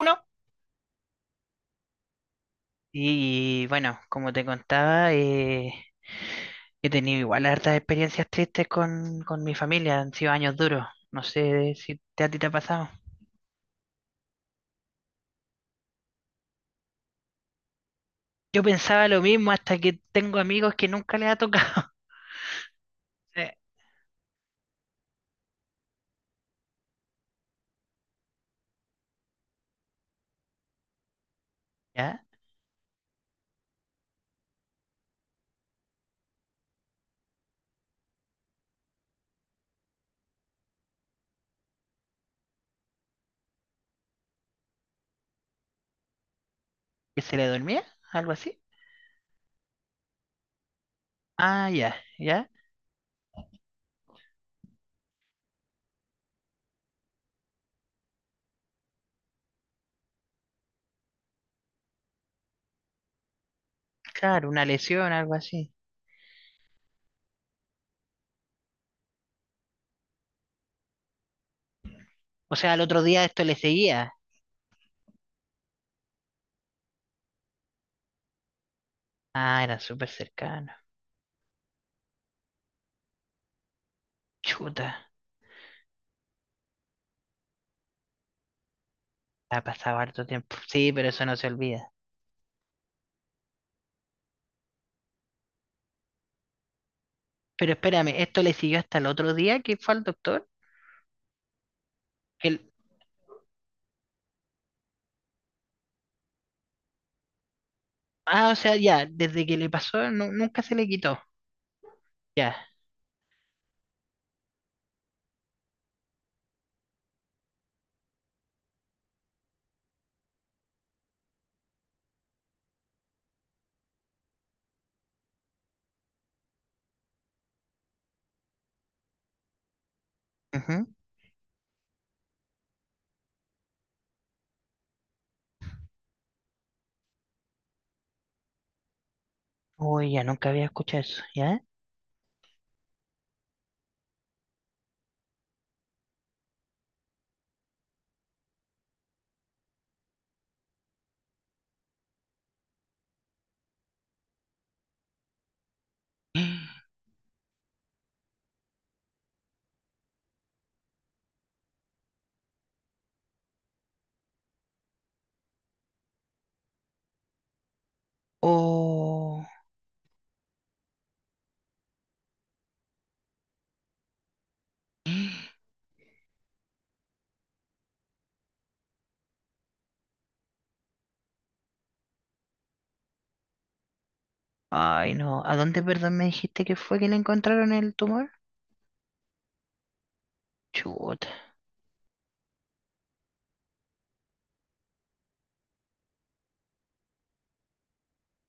Uno. Y bueno, como te contaba, he tenido igual hartas experiencias tristes con mi familia, han sido años duros, no sé si a ti te ha pasado. Yo pensaba lo mismo hasta que tengo amigos que nunca les ha tocado. Eh, ¿Ya? ¿Que se le dormía? ¿Algo así? Ah, ya, ya. Claro, una lesión, algo así. O sea, al otro día esto le seguía. Ah, era súper cercano. Chuta, ha pasado harto tiempo. Sí, pero eso no se olvida. Pero espérame, esto le siguió hasta el otro día que fue al doctor. El, o sea, ya, desde que le pasó, nunca se le quitó. Ya. Ujú. Uy, ya nunca había escuchado eso, ¿ya? Oh, ay, no. ¿A dónde, perdón, me dijiste que fue que le encontraron el tumor? Chuta.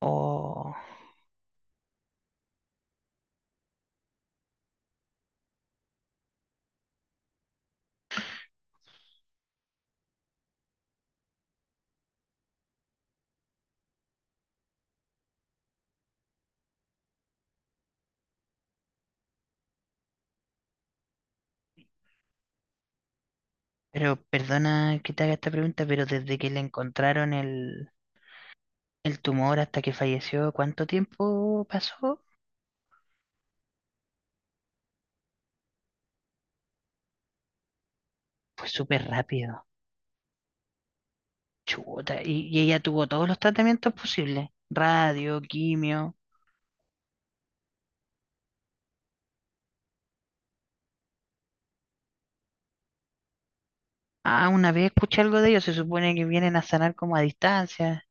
Oh, pero perdona que te haga esta pregunta, pero desde que le encontraron el tumor hasta que falleció, ¿cuánto tiempo pasó? Fue súper rápido. Chuta, y ella tuvo todos los tratamientos posibles, radio, quimio. Ah, una vez escuché algo de ellos, se supone que vienen a sanar como a distancia.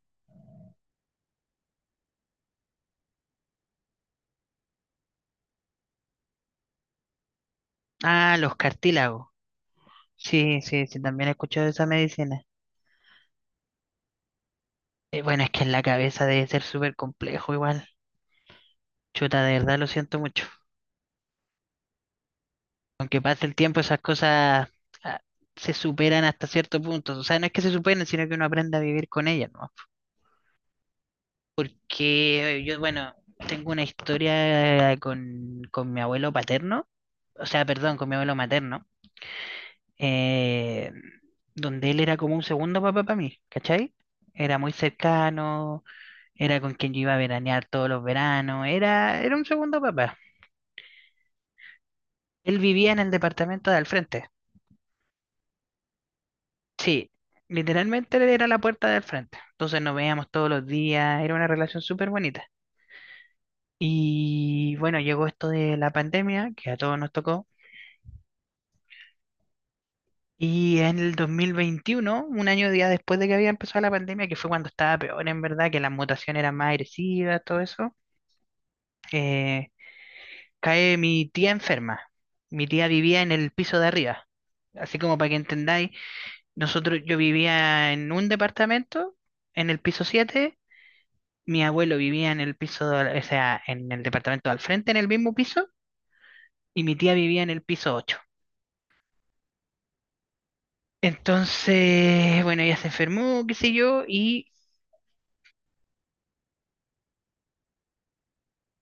Ah, los cartílagos. Sí, sí, sí, también he escuchado de esa medicina. Bueno, es que en la cabeza debe ser súper complejo igual. Chuta, de verdad lo siento mucho. Aunque pase el tiempo, esas cosas ah, se superan hasta cierto punto. O sea, no es que se superen, sino que uno aprende a vivir con ellas, ¿no? Porque yo, bueno, tengo una historia con mi abuelo paterno, o sea, perdón, con mi abuelo materno, eh, donde él era como un segundo papá para mí, ¿cachai? Era muy cercano, era con quien yo iba a veranear todos los veranos, era un segundo papá. Él vivía en el departamento de al frente, sí, literalmente era la puerta del frente, entonces nos veíamos todos los días, era una relación súper bonita. Y bueno, llegó esto de la pandemia, que a todos nos tocó. Y en el 2021, un año día después de que había empezado la pandemia, que fue cuando estaba peor en verdad, que la mutación era más agresiva, todo eso, eh, cae mi tía enferma. Mi tía vivía en el piso de arriba. Así como para que entendáis, nosotros, yo vivía en un departamento, en el piso siete. Mi abuelo vivía en el piso, o sea, en el departamento al frente, en el mismo piso, y mi tía vivía en el piso ocho. Entonces, bueno, ella se enfermó, qué sé yo, y.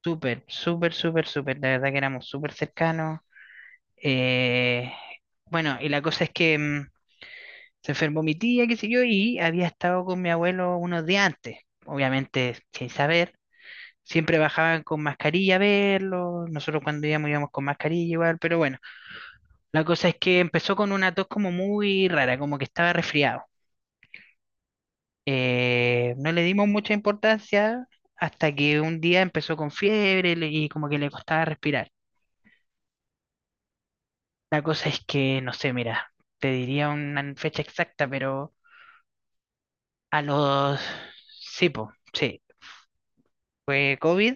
Súper, súper, súper, súper. La verdad que éramos súper cercanos. Eh, bueno, y la cosa es que se enfermó mi tía, qué sé yo, y había estado con mi abuelo unos días antes, obviamente sin saber. Siempre bajaban con mascarilla a verlo. Nosotros cuando íbamos íbamos con mascarilla igual, pero bueno, la cosa es que empezó con una tos como muy rara, como que estaba resfriado. No le dimos mucha importancia hasta que un día empezó con fiebre y como que le costaba respirar. La cosa es que, no sé, mira, te diría una fecha exacta, pero a los... Sí, po, sí, fue COVID,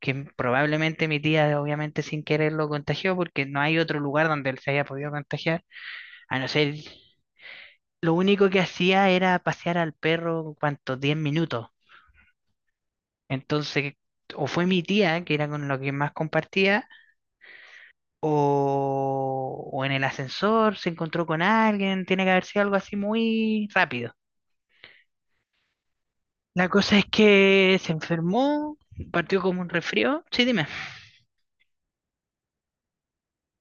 que probablemente mi tía obviamente sin querer lo contagió porque no hay otro lugar donde él se haya podido contagiar, a no ser... Lo único que hacía era pasear al perro, ¿cuántos? 10 minutos. Entonces, o fue mi tía, que era con lo que más compartía, o en el ascensor se encontró con alguien, tiene que haber sido algo así muy rápido. La cosa es que se enfermó, partió como un resfrío. Sí, dime.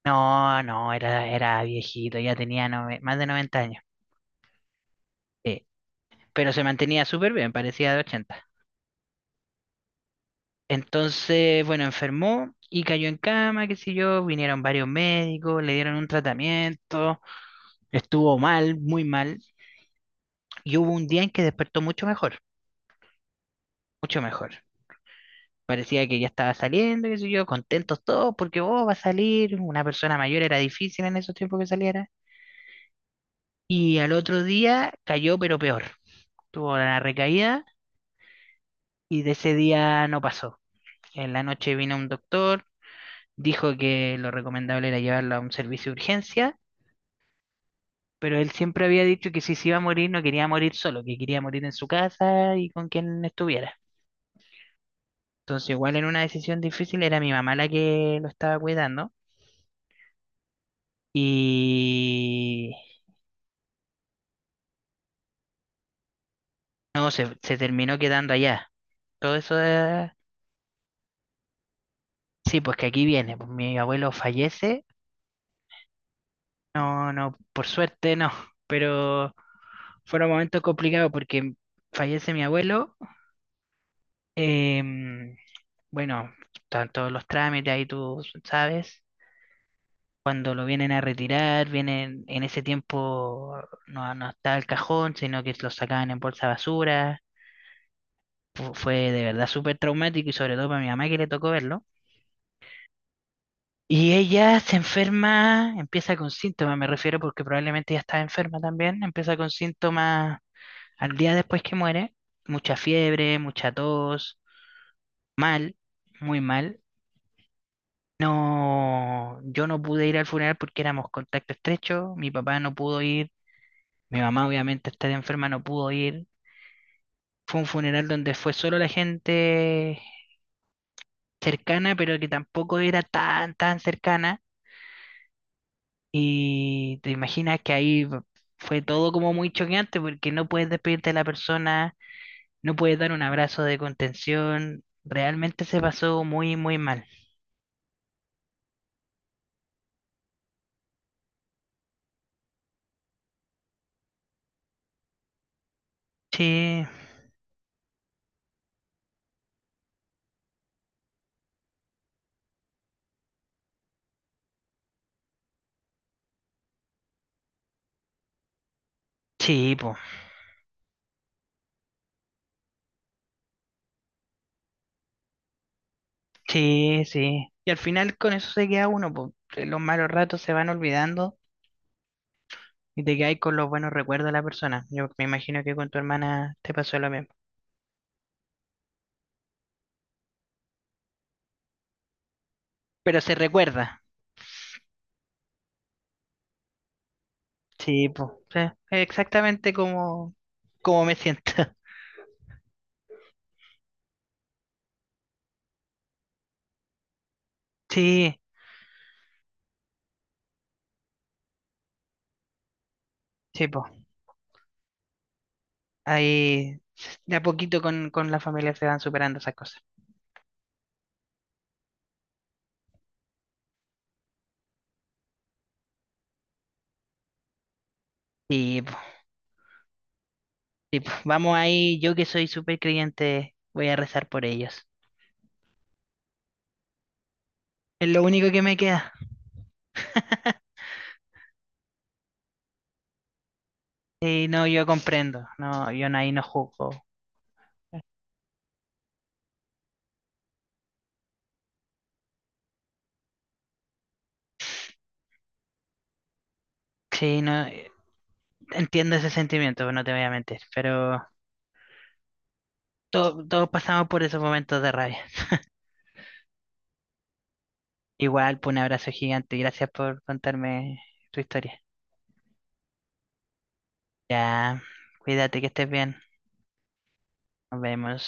No, no, era viejito, ya tenía más de 90 años. Sí, pero se mantenía súper bien, parecía de 80. Entonces, bueno, enfermó y cayó en cama, qué sé yo, vinieron varios médicos, le dieron un tratamiento, estuvo mal, muy mal, y hubo un día en que despertó mucho mejor, mucho mejor. Parecía que ya estaba saliendo, qué sé yo, contentos todos, porque oh, va a salir, una persona mayor era difícil en esos tiempos que saliera. Y al otro día cayó, pero peor. Tuvo la recaída y de ese día no pasó. En la noche vino un doctor, dijo que lo recomendable era llevarlo a un servicio de urgencia, pero él siempre había dicho que si se iba a morir no quería morir solo, que quería morir en su casa y con quien estuviera. Entonces, igual en una decisión difícil, era mi mamá la que lo estaba cuidando y no, se terminó quedando allá. Todo eso, sí, pues que aquí viene, pues mi abuelo fallece. No, no, por suerte no, pero fueron momentos complicados porque fallece mi abuelo. em, bueno, están todos los trámites ahí, tú sabes. Cuando lo vienen a retirar, vienen en ese tiempo no, no estaba el cajón, sino que lo sacaban en bolsa de basura. Fue de verdad súper traumático y sobre todo para mi mamá que le tocó verlo. Y ella se enferma, empieza con síntomas, me refiero porque probablemente ya estaba enferma también, empieza con síntomas. Al día después que muere, mucha fiebre, mucha tos, mal, muy mal. No, yo no pude ir al funeral porque éramos contacto estrecho, mi papá no pudo ir, mi mamá obviamente estar enferma no pudo ir. Fue un funeral donde fue solo la gente cercana, pero que tampoco era tan, tan cercana. Y te imaginas que ahí fue todo como muy choqueante porque no puedes despedirte de la persona, no puedes dar un abrazo de contención. Realmente se pasó muy, muy mal. Sí, sí, po. Sí, sí. Y al final con eso se queda uno, po. Los malos ratos se van olvidando y te quedas con los buenos recuerdos de la persona. Yo me imagino que con tu hermana te pasó lo mismo. Pero se recuerda. Sí, po. Sí, exactamente como me siento. Sí, sí, po. Ahí de a poquito con la familia se van superando esas cosas. Sí, po. Sí, po. Vamos ahí, yo que soy súper creyente, voy a rezar por ellos. Es lo único que me queda. Sí, no, yo comprendo. No, yo ahí no juzgo. Sí, no, entiendo ese sentimiento, no te voy a mentir. Pero todos pasamos por esos momentos de rabia. Igual, pues un abrazo gigante. Gracias por contarme tu historia. Ya, cuídate que estés bien. Nos vemos.